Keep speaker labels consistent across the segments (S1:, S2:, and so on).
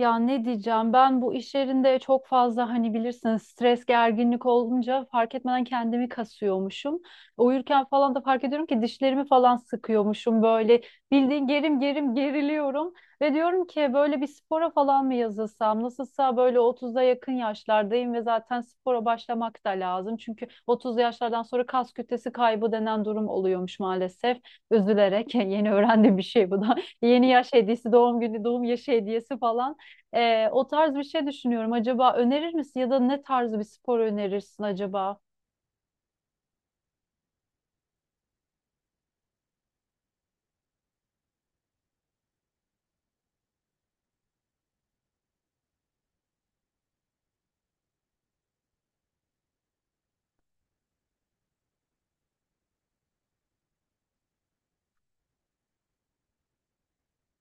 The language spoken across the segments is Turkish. S1: Ya ne diyeceğim ben bu iş yerinde çok fazla hani bilirsiniz stres gerginlik olunca fark etmeden kendimi kasıyormuşum. Uyurken falan da fark ediyorum ki dişlerimi falan sıkıyormuşum böyle bildiğin gerim gerim geriliyorum. Ve diyorum ki böyle bir spora falan mı yazılsam nasılsa böyle 30'a yakın yaşlardayım ve zaten spora başlamak da lazım. Çünkü 30'lu yaşlardan sonra kas kütlesi kaybı denen durum oluyormuş maalesef. Üzülerek yeni öğrendiğim bir şey bu da. Yeni yaş hediyesi doğum günü doğum yaşı hediyesi falan. O tarz bir şey düşünüyorum. Acaba önerir misin ya da ne tarz bir spor önerirsin acaba?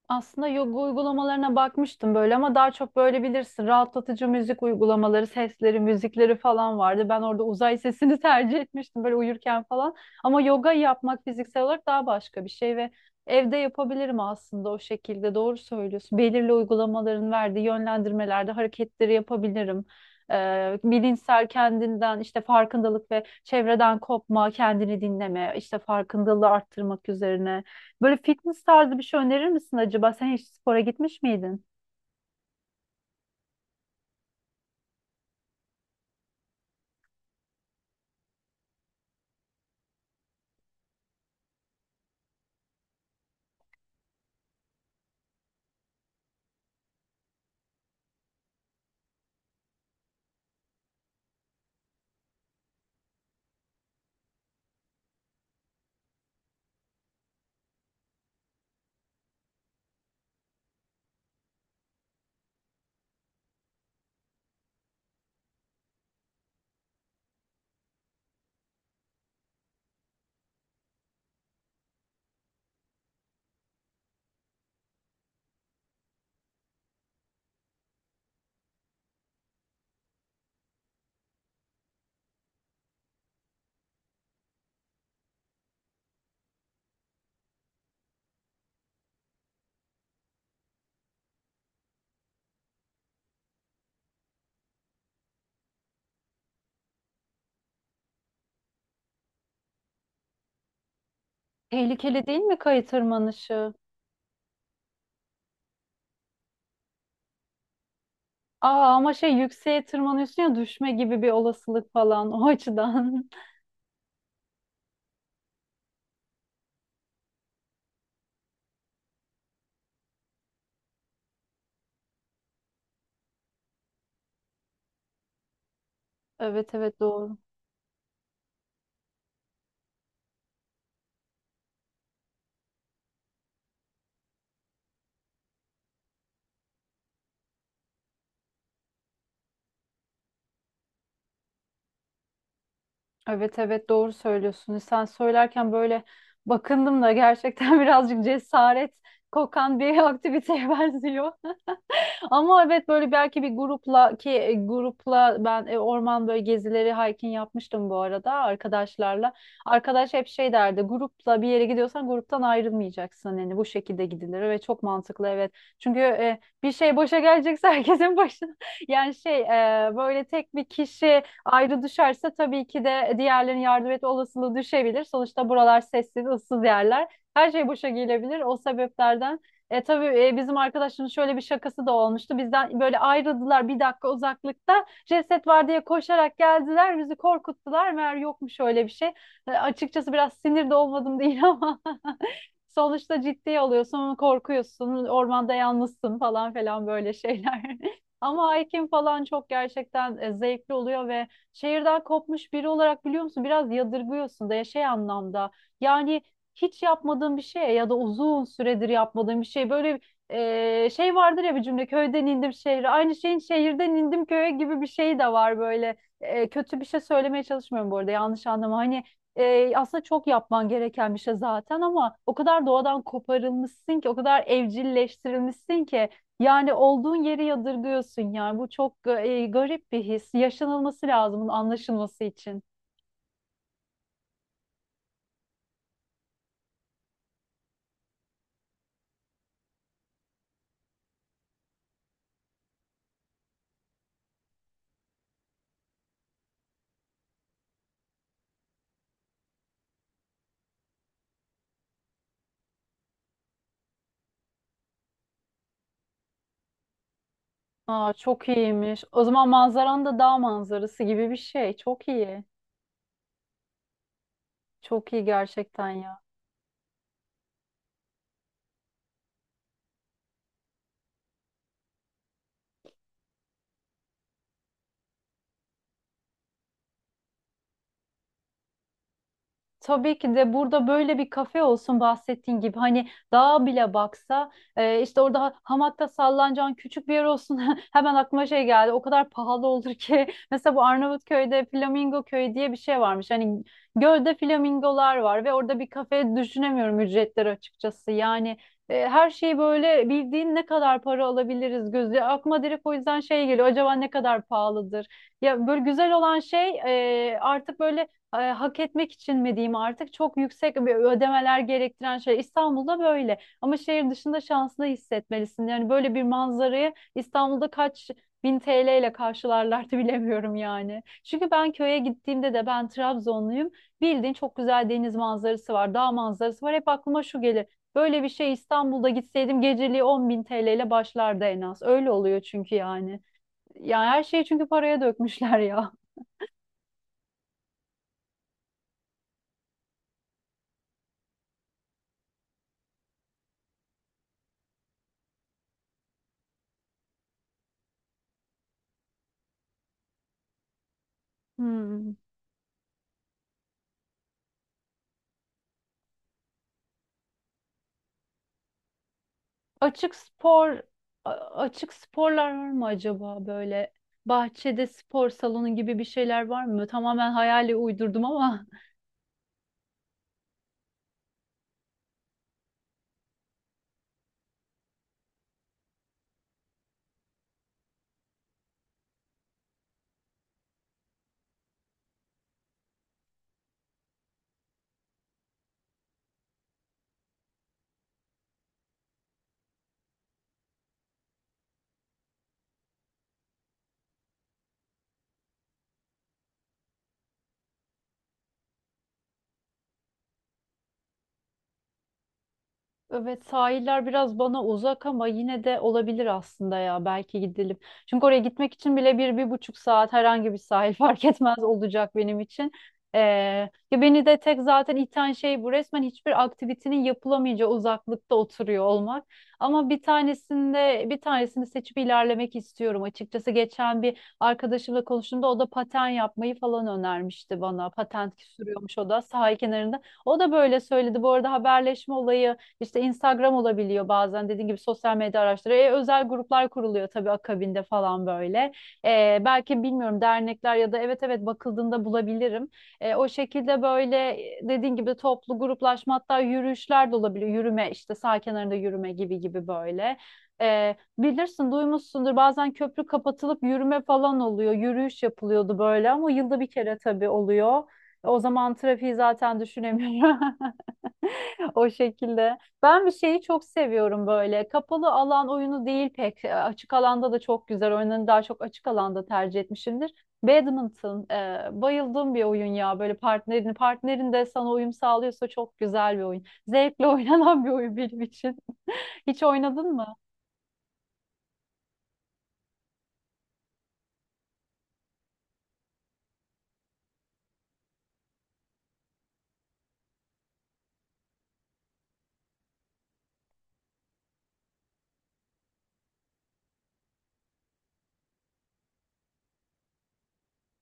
S1: Aslında yoga uygulamalarına bakmıştım böyle ama daha çok böyle bilirsin rahatlatıcı müzik uygulamaları, sesleri, müzikleri falan vardı. Ben orada uzay sesini tercih etmiştim böyle uyurken falan. Ama yoga yapmak fiziksel olarak daha başka bir şey ve evde yapabilirim aslında o şekilde. Doğru söylüyorsun. Belirli uygulamaların verdiği yönlendirmelerde hareketleri yapabilirim. Bilinçsel kendinden işte farkındalık ve çevreden kopma, kendini dinleme, işte farkındalığı arttırmak üzerine. Böyle fitness tarzı bir şey önerir misin acaba? Sen hiç spora gitmiş miydin? Tehlikeli değil mi kayı tırmanışı? Aa ama şey yükseğe tırmanıyorsun ya düşme gibi bir olasılık falan o açıdan. Evet evet doğru. Evet evet doğru söylüyorsun. Sen söylerken böyle bakındım da gerçekten birazcık cesaret kokan bir aktiviteye benziyor. Ama evet böyle belki bir grupla ki grupla ben orman böyle gezileri hiking yapmıştım bu arada arkadaşlarla. Arkadaş hep şey derdi grupla bir yere gidiyorsan gruptan ayrılmayacaksın yani bu şekilde gidilir ve çok mantıklı evet. Çünkü bir şey boşa gelecekse herkesin başına yani şey böyle tek bir kişi ayrı düşerse tabii ki de diğerlerinin yardım etme olasılığı düşebilir. Sonuçta buralar sessiz ıssız yerler. Her şey boşa gelebilir o sebeplerden. Tabii bizim arkadaşın şöyle bir şakası da olmuştu. Bizden böyle ayrıldılar bir dakika uzaklıkta. Ceset var diye koşarak geldiler. Bizi korkuttular. Meğer yokmuş öyle bir şey. Açıkçası biraz sinir de olmadım değil ama sonuçta ciddiye alıyorsun, korkuyorsun, ormanda yalnızsın falan falan böyle şeyler. Ama hiking falan çok gerçekten zevkli oluyor ve şehirden kopmuş biri olarak biliyor musun biraz yadırgıyorsun da ya şey anlamda. Yani hiç yapmadığın bir şey ya da uzun süredir yapmadığın bir şey böyle şey vardır ya bir cümle köyden indim şehre aynı şeyin şehirden indim köye gibi bir şey de var böyle. Kötü bir şey söylemeye çalışmıyorum bu arada yanlış anlama hani aslında çok yapman gereken bir şey zaten ama o kadar doğadan koparılmışsın ki, o kadar evcilleştirilmişsin ki yani olduğun yeri yadırgıyorsun yani bu çok garip bir his. Yaşanılması lazım bunun anlaşılması için. Aa, çok iyiymiş. O zaman manzaran da dağ manzarası gibi bir şey. Çok iyi. Çok iyi gerçekten ya. Tabii ki de burada böyle bir kafe olsun bahsettiğin gibi hani dağa bile baksa işte orada hamakta sallanacağın küçük bir yer olsun hemen aklıma şey geldi o kadar pahalı olur ki mesela bu Arnavutköy'de Flamingo Köyü diye bir şey varmış hani gölde flamingolar var ve orada bir kafe düşünemiyorum ücretleri açıkçası yani her şeyi böyle bildiğin ne kadar para alabiliriz gözü aklıma direkt o yüzden şey geliyor acaba ne kadar pahalıdır ya böyle güzel olan şey artık böyle hak etmek için mi diyeyim artık çok yüksek bir ödemeler gerektiren şey. İstanbul'da böyle ama şehir dışında şanslı hissetmelisin. Yani böyle bir manzarayı İstanbul'da kaç bin TL ile karşılarlardı bilemiyorum yani. Çünkü ben köye gittiğimde de ben Trabzonluyum. Bildiğin çok güzel deniz manzarası var, dağ manzarası var. Hep aklıma şu gelir. Böyle bir şey İstanbul'da gitseydim geceliği 10 bin TL ile başlardı en az. Öyle oluyor çünkü yani. Yani her şeyi çünkü paraya dökmüşler ya. Hmm. Açık spor a- açık sporlar var mı acaba böyle bahçede spor salonu gibi bir şeyler var mı? Tamamen hayali uydurdum ama. Evet sahiller biraz bana uzak ama yine de olabilir aslında ya belki gidelim. Çünkü oraya gitmek için bile bir, bir buçuk saat herhangi bir sahil fark etmez olacak benim için. Ee, ya beni de tek zaten iten şey bu resmen hiçbir aktivitenin yapılamayacağı uzaklıkta oturuyor olmak. Ama bir tanesinde bir tanesini seçip ilerlemek istiyorum açıkçası. Geçen bir arkadaşımla konuştuğumda o da paten yapmayı falan önermişti bana. Patent sürüyormuş o da sahil kenarında. O da böyle söyledi. Bu arada haberleşme olayı işte Instagram olabiliyor bazen dediğin gibi sosyal medya araçları. Özel gruplar kuruluyor tabii akabinde falan böyle. Belki bilmiyorum dernekler ya da evet evet bakıldığında bulabilirim. O şekilde böyle dediğin gibi toplu gruplaşma hatta yürüyüşler de olabiliyor. Yürüme işte sağ kenarında yürüme gibi gibi böyle. Bilirsin duymuşsundur bazen köprü kapatılıp yürüme falan oluyor. Yürüyüş yapılıyordu böyle ama yılda bir kere tabii oluyor. O zaman trafiği zaten düşünemiyorum. O şekilde. Ben bir şeyi çok seviyorum böyle. Kapalı alan oyunu değil pek. Açık alanda da çok güzel. Oyunlarını daha çok açık alanda tercih etmişimdir. Badminton. Bayıldığım bir oyun ya. Böyle partnerini, partnerin de sana uyum sağlıyorsa çok güzel bir oyun. Zevkle oynanan bir oyun benim için. Hiç oynadın mı?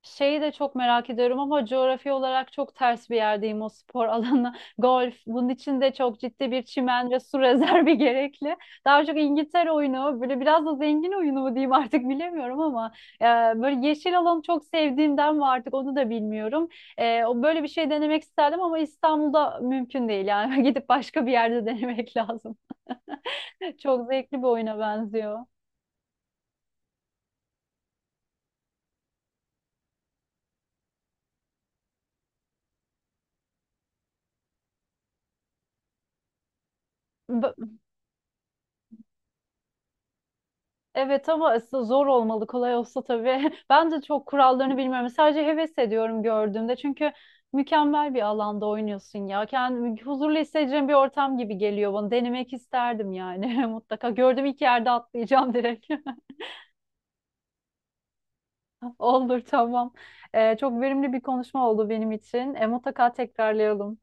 S1: Şeyi de çok merak ediyorum ama coğrafi olarak çok ters bir yerdeyim o spor alanı. Golf. Bunun için de çok ciddi bir çimen ve su rezervi gerekli. Daha çok İngiltere oyunu, böyle biraz da zengin oyunu mu diyeyim artık bilemiyorum ama e, böyle yeşil alanı çok sevdiğimden mi artık onu da bilmiyorum. O böyle bir şey denemek isterdim ama İstanbul'da mümkün değil yani gidip başka bir yerde denemek lazım. Çok zevkli bir oyuna benziyor. Evet ama aslında zor olmalı. Kolay olsa tabii. Ben de çok kurallarını bilmiyorum. Sadece heves ediyorum gördüğümde. Çünkü mükemmel bir alanda oynuyorsun ya. Kendimi huzurlu hissedeceğim bir ortam gibi geliyor bana. Denemek isterdim yani mutlaka. Gördüğüm iki yerde atlayacağım direkt. Olur tamam. Çok verimli bir konuşma oldu benim için. Mutlaka tekrarlayalım.